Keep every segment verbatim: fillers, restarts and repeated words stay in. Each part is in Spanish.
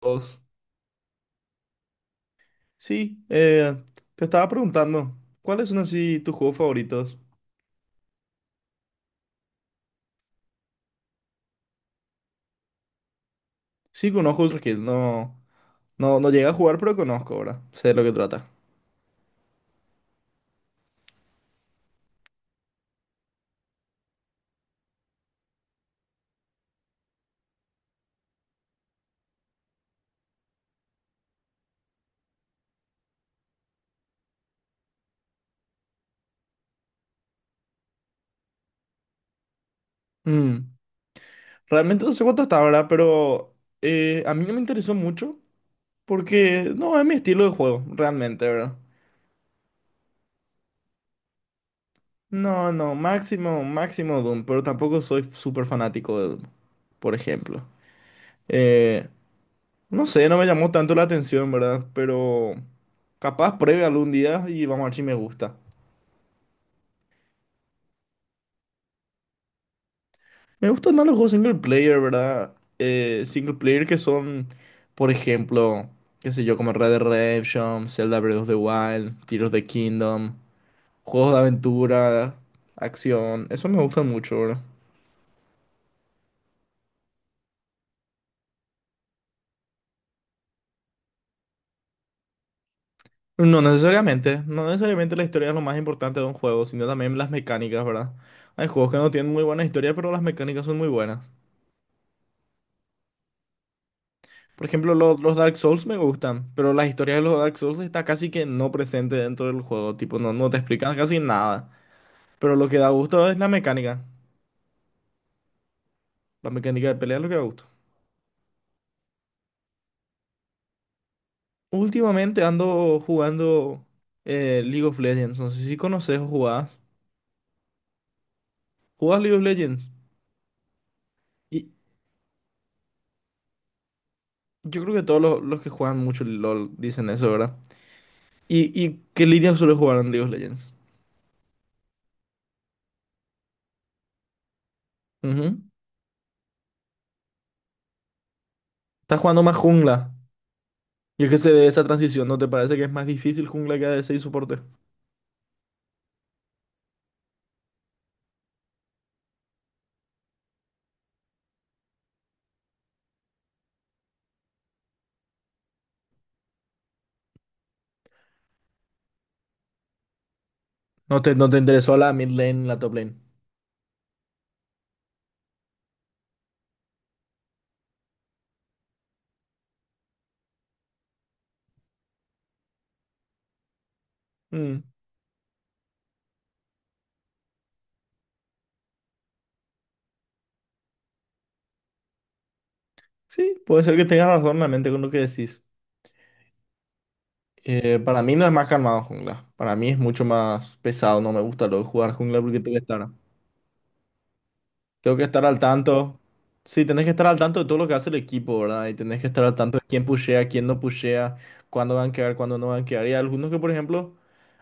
Dos. Sí, eh, te estaba preguntando, ¿cuáles son así tus juegos favoritos? Sí, conozco Ultra Kill, no, no, no llegué a jugar, pero conozco, ¿verdad? Sé de lo que trata. Mm, realmente no sé cuánto está, ¿verdad? Pero eh, a mí no me interesó mucho porque no es mi estilo de juego, realmente, ¿verdad? No, no, máximo, máximo Doom, pero tampoco soy súper fanático de Doom, por ejemplo. Eh, no sé, no me llamó tanto la atención, ¿verdad? Pero capaz pruebe algún día y vamos a ver si me gusta. Me gustan más los juegos single player, ¿verdad? Eh, single player que son, por ejemplo, qué sé yo, como Red Dead Redemption, Zelda Breath of the Wild, Tears of the Kingdom, juegos de aventura, acción. Eso me gustan mucho, ¿verdad? No necesariamente, no necesariamente la historia es lo más importante de un juego, sino también las mecánicas, ¿verdad? Hay juegos que no tienen muy buena historia, pero las mecánicas son muy buenas. Por ejemplo, lo- los Dark Souls me gustan, pero la historia de los Dark Souls está casi que no presente dentro del juego, tipo, no, no te explican casi nada. Pero lo que da gusto es la mecánica. La mecánica de pelea es lo que da gusto. Últimamente ando jugando eh, League of Legends. No sé si conoces o jugás. ¿Jugás League of Legends? Y yo creo que todos los, los que juegan mucho LOL dicen eso, ¿verdad? ¿Y, y qué línea suele jugar en League of Legends? Ujú. Estás jugando más jungla. Y es que se ve esa transición. ¿No te parece que es más difícil jungla que A D C y soporte? ¿No te, no te interesó la mid lane, la top lane? Mm, sí, puede ser que tengas razón realmente con lo que decís. Eh, para mí no es más calmado jungla. Para mí es mucho más pesado. No me gusta lo de jugar jungla porque tengo que estar, tengo que estar al tanto. Sí, tenés que estar al tanto de todo lo que hace el equipo, ¿verdad? Y tenés que estar al tanto de quién pushea, quién no pushea, cuándo van a quedar, cuándo no van a quedar. Y hay algunos que, por ejemplo,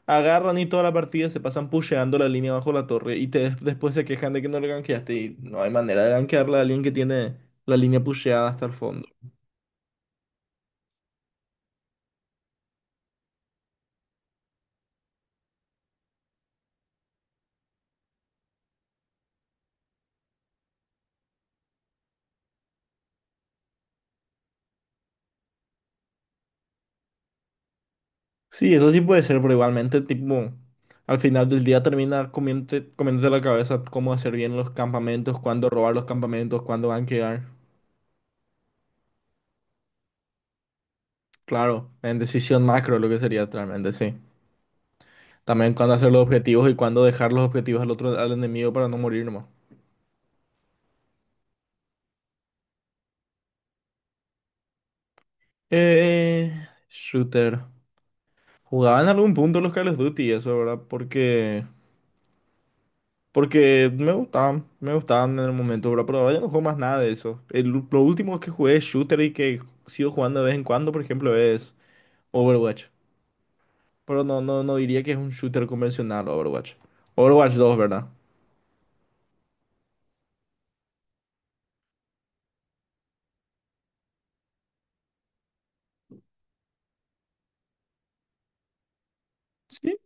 agarran y toda la partida se pasan pusheando la línea bajo la torre y te, después se quejan de que no le gankeaste. Y no hay manera de gankearla a alguien que tiene la línea pusheada hasta el fondo. Sí, eso sí puede ser, pero igualmente, tipo, al final del día termina comiéndote, comiéndote la cabeza cómo hacer bien los campamentos, cuándo robar los campamentos, cuándo van a quedar. Claro, en decisión macro lo que sería realmente, sí. También cuándo hacer los objetivos y cuándo dejar los objetivos al otro, al enemigo para no morir nomás. Eh, Shooter. Jugaban en algún punto los Call of Duty, eso, ¿verdad? Porque Porque me gustaban, me gustaban en el momento, bro, pero ahora ya no juego más nada de eso. El, lo último que jugué shooter y que sigo jugando de vez en cuando, por ejemplo, es Overwatch. Pero no, no, no diría que es un shooter convencional Overwatch. Overwatch dos, ¿verdad? Sí,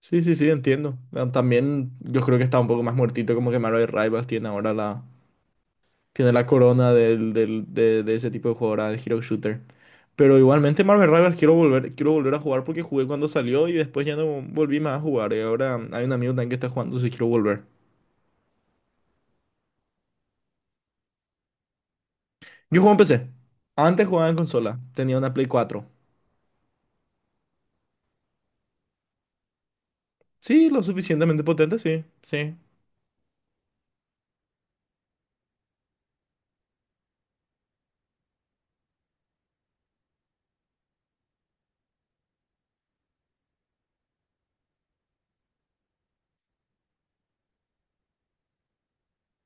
sí, sí, sí, entiendo. Ah, también yo creo que está un poco más muertito, como que Marvel Rivals tiene ahora la, tiene la corona del, del, de, de ese tipo de jugadora de Hero Shooter. Pero igualmente Marvel Rivals quiero volver, quiero volver a jugar porque jugué cuando salió y después ya no volví más a jugar. Y ahora hay un amigo también que está jugando, si quiero volver. Yo juego en P C. Antes jugaba en consola. Tenía una Play cuatro. Sí, lo suficientemente potente, sí, sí.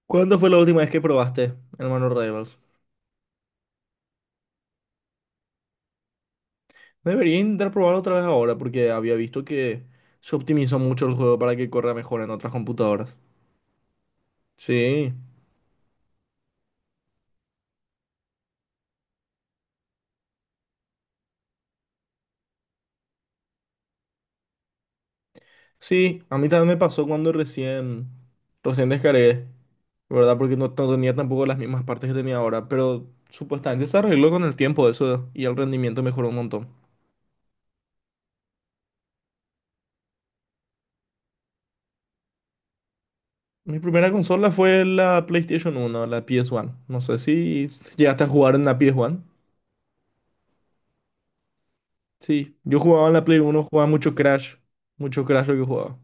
¿Cuándo fue la última vez que probaste el Marvel Rivals? Debería intentar probarlo otra vez ahora porque había visto que se optimizó mucho el juego para que corra mejor en otras computadoras. Sí, sí, a mí también me pasó cuando recién, recién descargué. ¿Verdad? Porque no, no tenía tampoco las mismas partes que tenía ahora, pero supuestamente se arregló con el tiempo eso y el rendimiento mejoró un montón. Mi primera consola fue la PlayStation uno, la P S uno. No sé si llegaste a jugar en la P S uno. Sí, yo jugaba en la Play uno, jugaba mucho Crash, mucho Crash lo que jugaba.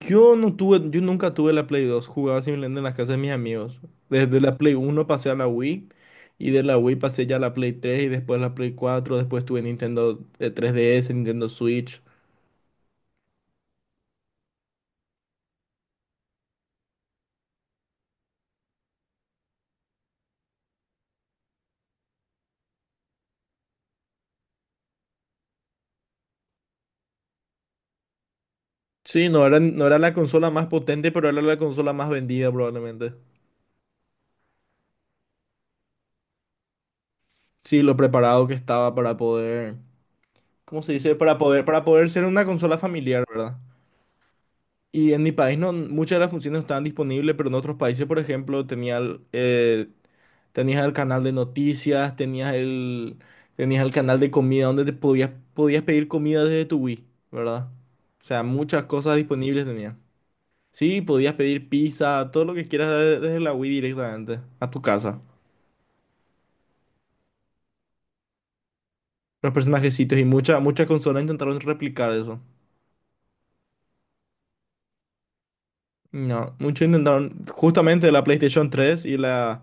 Yo no tuve, yo nunca tuve la Play dos, jugaba simplemente en las casas de mis amigos. Desde la Play uno pasé a la Wii y de la Wii pasé ya a la Play tres y después a la Play cuatro, después tuve Nintendo eh, tres D S, Nintendo Switch. Sí, no era, no era la consola más potente, pero era la consola más vendida probablemente. Sí, lo preparado que estaba para poder, ¿cómo se dice? Para poder, para poder ser una consola familiar, ¿verdad? Y en mi país no, muchas de las funciones no estaban disponibles, pero en otros países, por ejemplo, tenía, el- eh, tenías el canal de noticias, tenías el, tenías el canal de comida donde te podías, podías pedir comida desde tu Wii, ¿verdad? O sea, muchas cosas disponibles tenía. Sí, podías pedir pizza, todo lo que quieras de- desde la Wii directamente a tu casa. Los personajecitos y muchas muchas consolas intentaron replicar eso. No, muchos intentaron, justamente la PlayStation tres y la,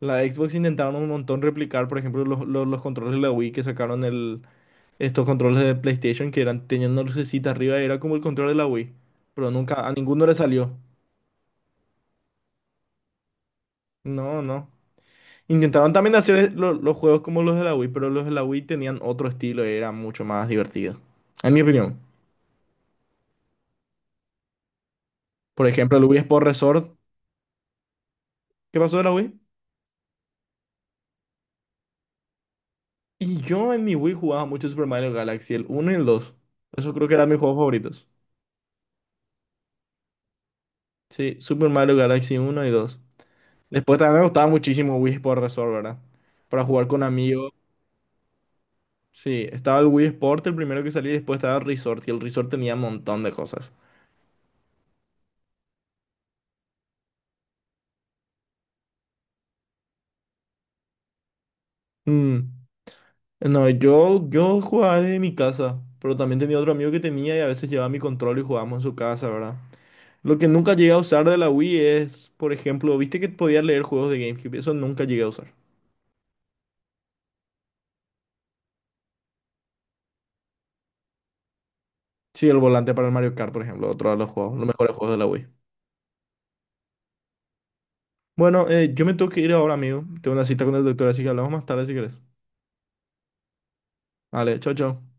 la Xbox intentaron un montón replicar, por ejemplo, los, los, los controles de la Wii que sacaron el, estos controles de PlayStation que eran, tenían una lucecita arriba, era como el control de la Wii, pero nunca, a ninguno le salió. No, no. Intentaron también hacer e, lo- los juegos como los de la Wii, pero los de la Wii tenían otro estilo y era mucho más divertido, en mi opinión. Por ejemplo, el Wii Sport Resort, ¿qué pasó de la Wii? Y yo en mi Wii jugaba mucho Super Mario Galaxy, el uno y el dos. Eso creo que eran mis juegos favoritos. Sí, Super Mario Galaxy uno y dos. Después también me gustaba muchísimo Wii Sport Resort, ¿verdad? Para jugar con amigos. Sí, estaba el Wii Sport, el primero que salí, después estaba el Resort, y el Resort tenía un montón de cosas. Mm, no, yo, yo jugaba desde mi casa, pero también tenía otro amigo que tenía y a veces llevaba mi control y jugábamos en su casa, ¿verdad? Lo que nunca llegué a usar de la Wii es, por ejemplo, viste que podía leer juegos de GameCube, eso nunca llegué a usar. Sí, el volante para el Mario Kart, por ejemplo, otro de los juegos, los Mm. mejores juegos de la Wii. Bueno, eh, yo me tengo que ir ahora, amigo. Tengo una cita con el doctor, así que hablamos más tarde si querés. Vale, chao, chao.